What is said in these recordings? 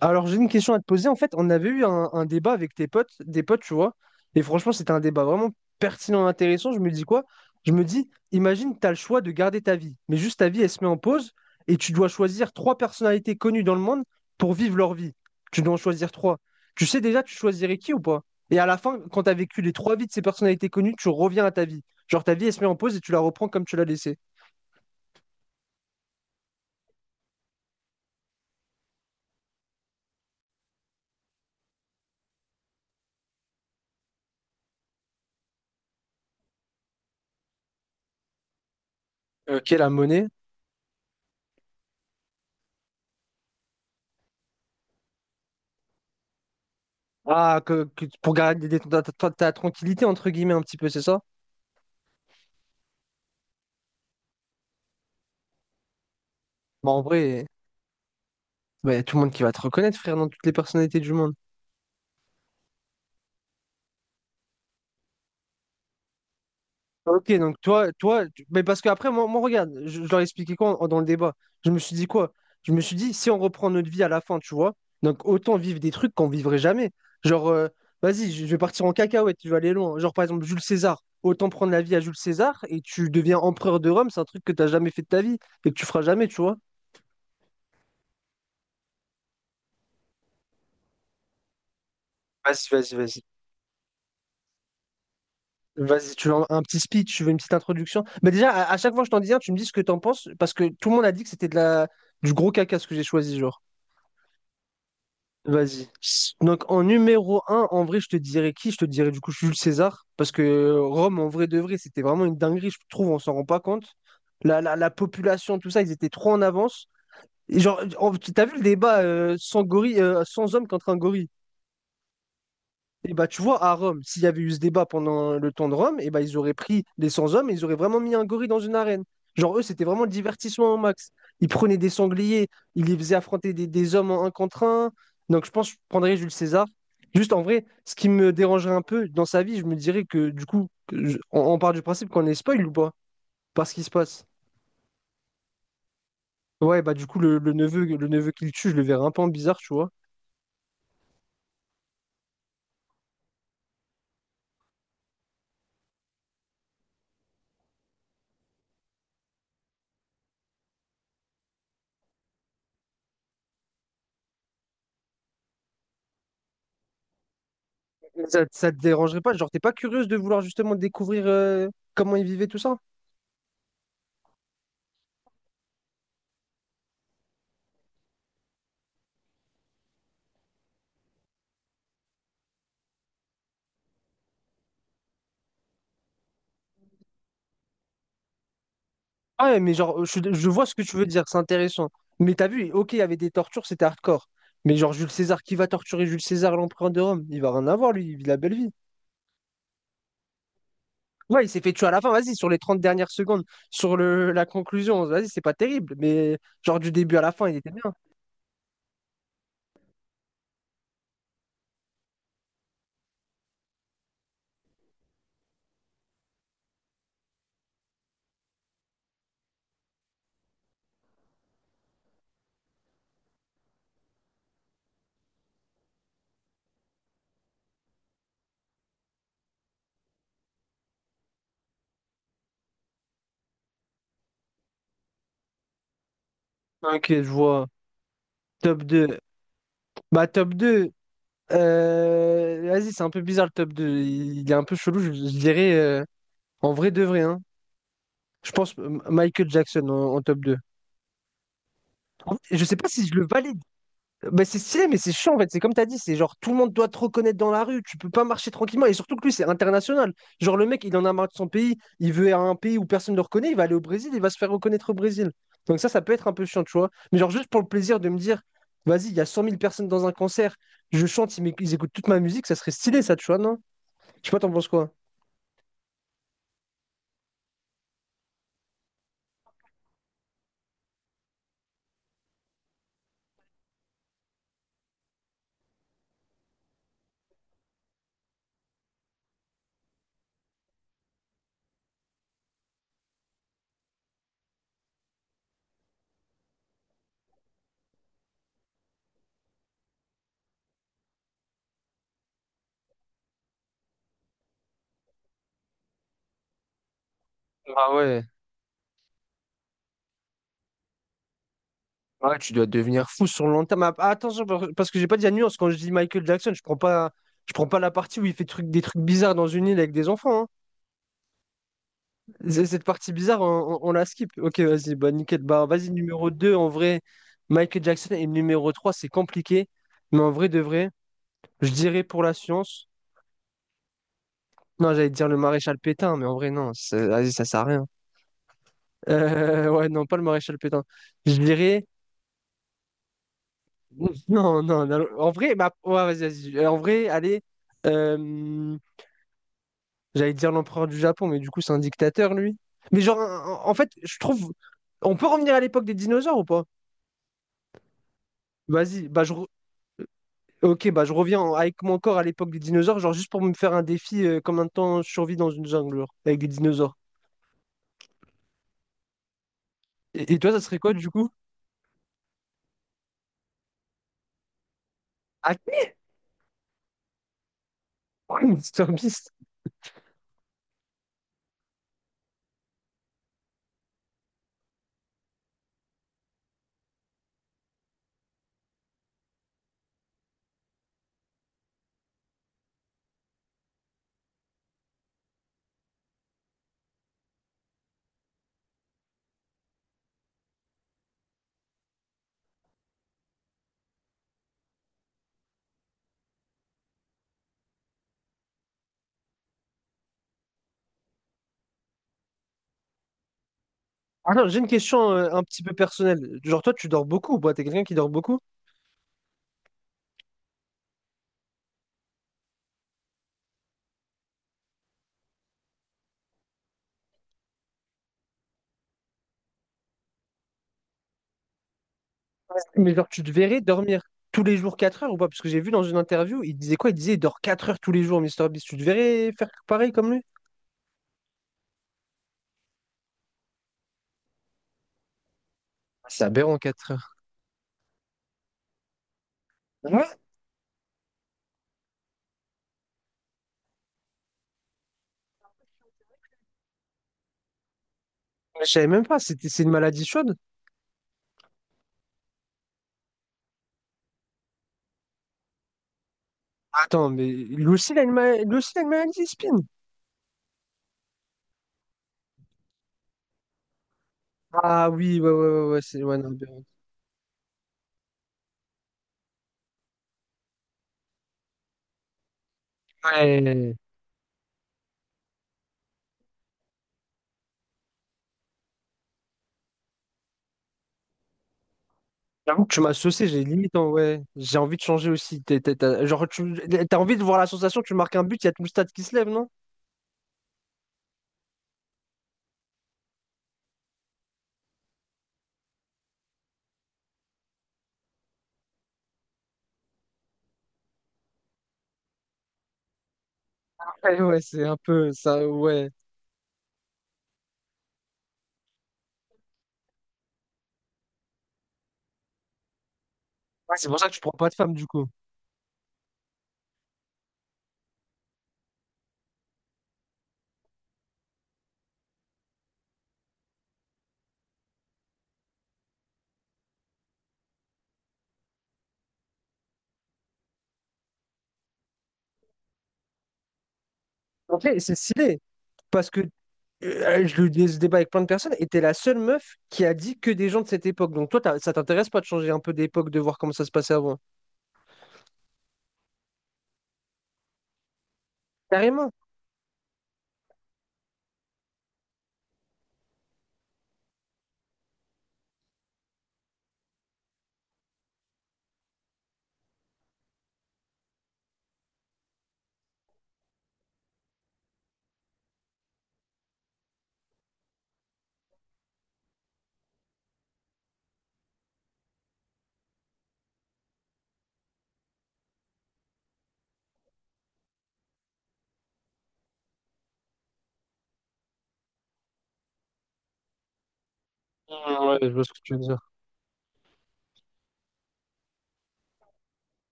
Alors, j'ai une question à te poser. En fait, on avait eu un débat avec tes potes, des potes, tu vois. Et franchement, c'était un débat vraiment pertinent, intéressant. Je me dis quoi? Je me dis, imagine, tu as le choix de garder ta vie, mais juste ta vie, elle se met en pause et tu dois choisir trois personnalités connues dans le monde pour vivre leur vie. Tu dois en choisir trois. Tu sais déjà, tu choisirais qui ou pas? Et à la fin, quand tu as vécu les trois vies de ces personnalités connues, tu reviens à ta vie. Genre, ta vie, elle se met en pause et tu la reprends comme tu l'as laissée. Ok, la monnaie. Ah, pour garder ta tranquillité, entre guillemets, un petit peu, c'est ça? Bah, en vrai, bah, y a tout le monde qui va te reconnaître, frère, dans toutes les personnalités du monde. Ok, donc mais parce qu'après, moi, regarde, je leur ai expliqué quoi dans le débat. Je me suis dit quoi? Je me suis dit, si on reprend notre vie à la fin, tu vois, donc autant vivre des trucs qu'on vivrait jamais. Genre, vas-y, je vais partir en cacahuète, je vais aller loin. Genre, par exemple, Jules César, autant prendre la vie à Jules César et tu deviens empereur de Rome, c'est un truc que t'as jamais fait de ta vie et que tu feras jamais, tu vois. Vas-y, vas-y, vas-y. Vas-y, tu veux un petit speech, tu veux une petite introduction. Mais déjà, à chaque fois que je t'en dis un, tu me dis ce que t'en penses, parce que tout le monde a dit que c'était du gros caca ce que j'ai choisi, genre. Vas-y. Donc en numéro un en vrai, je te dirais qui? Je te dirais du coup Jules César, parce que Rome, en vrai de vrai, c'était vraiment une dinguerie, je trouve, on s'en rend pas compte. La population, tout ça, ils étaient trop en avance. Et genre, t'as vu le débat sans gorille, sans homme contre un gorille? Et bah, tu vois, à Rome, s'il y avait eu ce débat pendant le temps de Rome, et bah, ils auraient pris des 100 hommes et ils auraient vraiment mis un gorille dans une arène. Genre, eux, c'était vraiment le divertissement au max. Ils prenaient des sangliers, ils les faisaient affronter des hommes en un contre un. Donc, je pense que je prendrais Jules César. Juste en vrai, ce qui me dérangerait un peu dans sa vie, je me dirais que du coup, on part du principe qu'on est spoil ou pas? Parce qu'il se passe. Ouais, bah, du coup, le neveu qu'il tue, je le verrais un peu en bizarre, tu vois. Mais ça te dérangerait pas? Genre, t'es pas curieuse de vouloir justement découvrir comment ils vivaient tout ça? Ah ouais, mais genre, je vois ce que tu veux dire, c'est intéressant. Mais t'as vu, ok, il y avait des tortures, c'était hardcore. Mais genre, Jules César, qui va torturer Jules César, l'empereur de Rome? Il va rien avoir, lui, il vit la belle vie. Ouais, il s'est fait tuer à la fin, vas-y, sur les 30 dernières secondes, sur la conclusion, vas-y, c'est pas terrible. Mais genre, du début à la fin, il était bien. Ok, je vois. Top 2. Bah, top 2. Vas-y, c'est un peu bizarre le top 2. Il est un peu chelou, je dirais. En vrai, de vrai, hein. Je pense Michael Jackson en top 2. En fait, je sais pas si je le valide. Bah, c'est stylé, mais c'est chiant en fait. C'est comme t'as dit, c'est genre tout le monde doit te reconnaître dans la rue. Tu peux pas marcher tranquillement. Et surtout que lui, c'est international. Genre le mec, il en a marre de son pays. Il veut aller à un pays où personne ne le reconnaît. Il va aller au Brésil. Il va se faire reconnaître au Brésil. Donc ça peut être un peu chiant, tu vois. Mais genre juste pour le plaisir de me dire, vas-y, il y a 100 000 personnes dans un concert. Je chante, ils écoutent toute ma musique. Ça serait stylé, ça, tu vois, non? Je sais pas, t'en penses quoi? Ah ouais. Ouais, tu dois devenir fou sur le long terme. Ah, attention, parce que j'ai pas dit la nuance. Quand je dis Michael Jackson, je prends pas la partie où il fait des trucs bizarres dans une île avec des enfants, hein. Cette partie bizarre, on la skip. Ok, vas-y, bah nickel. Bah vas-y, numéro 2 en vrai, Michael Jackson, et numéro 3 c'est compliqué. Mais en vrai de vrai, je dirais pour la science. Non, j'allais dire le maréchal Pétain, mais en vrai, non, vas-y, ça sert à rien. Ouais, non, pas le maréchal Pétain. Je dirais. Non, non, non, en vrai, bah, ouais, vas-y, vas-y. En vrai, allez, euh, j'allais dire l'empereur du Japon, mais du coup, c'est un dictateur, lui. Mais genre, en fait, je trouve. On peut revenir à l'époque des dinosaures ou pas? Vas-y, bah ok, bah je reviens avec mon corps à l'époque des dinosaures, genre juste pour me faire un défi, combien de temps je survis dans une jungle, genre, avec des dinosaures. Et toi, ça serait quoi du coup? Ah, Mr Beast. Ah non, j'ai une question un petit peu personnelle. Genre toi, tu dors beaucoup ou pas? T'es quelqu'un qui dort beaucoup? Mais genre, tu te verrais dormir tous les jours 4 heures ou pas? Parce que j'ai vu dans une interview, il disait quoi? Il disait il dort 4 heures tous les jours, Mister Beast. Tu te verrais faire pareil comme lui? C'est aberrant 4 heures. Mais je savais même pas, c'était, c'est une maladie chaude. Attends, mais lui aussi, il a lui aussi, il a une maladie, Spin. Ah oui, ouais, ouais, ouais, ouais, c'est ouais, non, bien. Ouais. J'avoue que tu m'as saucé, j'ai limite, hein, ouais. J'ai envie de changer aussi. Genre, t'as envie de voir la sensation, tu marques un but, il y a tout le stade qui se lève, non? Ouais, ouais, c'est un peu ça, ouais. Ouais, c'est pour ça que tu prends pas de femme, du coup. En fait, c'est stylé, parce que ce débat avec plein de personnes, et t'es la seule meuf qui a dit que des gens de cette époque. Donc toi, ça t'intéresse pas de changer un peu d'époque, de voir comment ça se passait avant? Carrément. Mm, ouais, je vois ce que tu veux dire.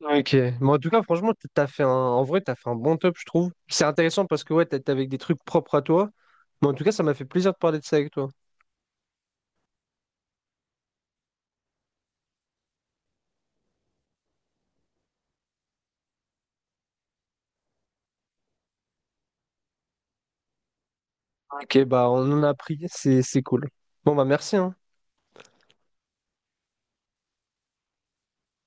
Ok, mais en tout cas, franchement, en vrai, t'as fait un bon top, je trouve. C'est intéressant parce que ouais, t'es avec des trucs propres à toi. Mais en tout cas, ça m'a fait plaisir de parler de ça avec toi. Ok, bah on en a appris, c'est cool. Bon bah merci, hein.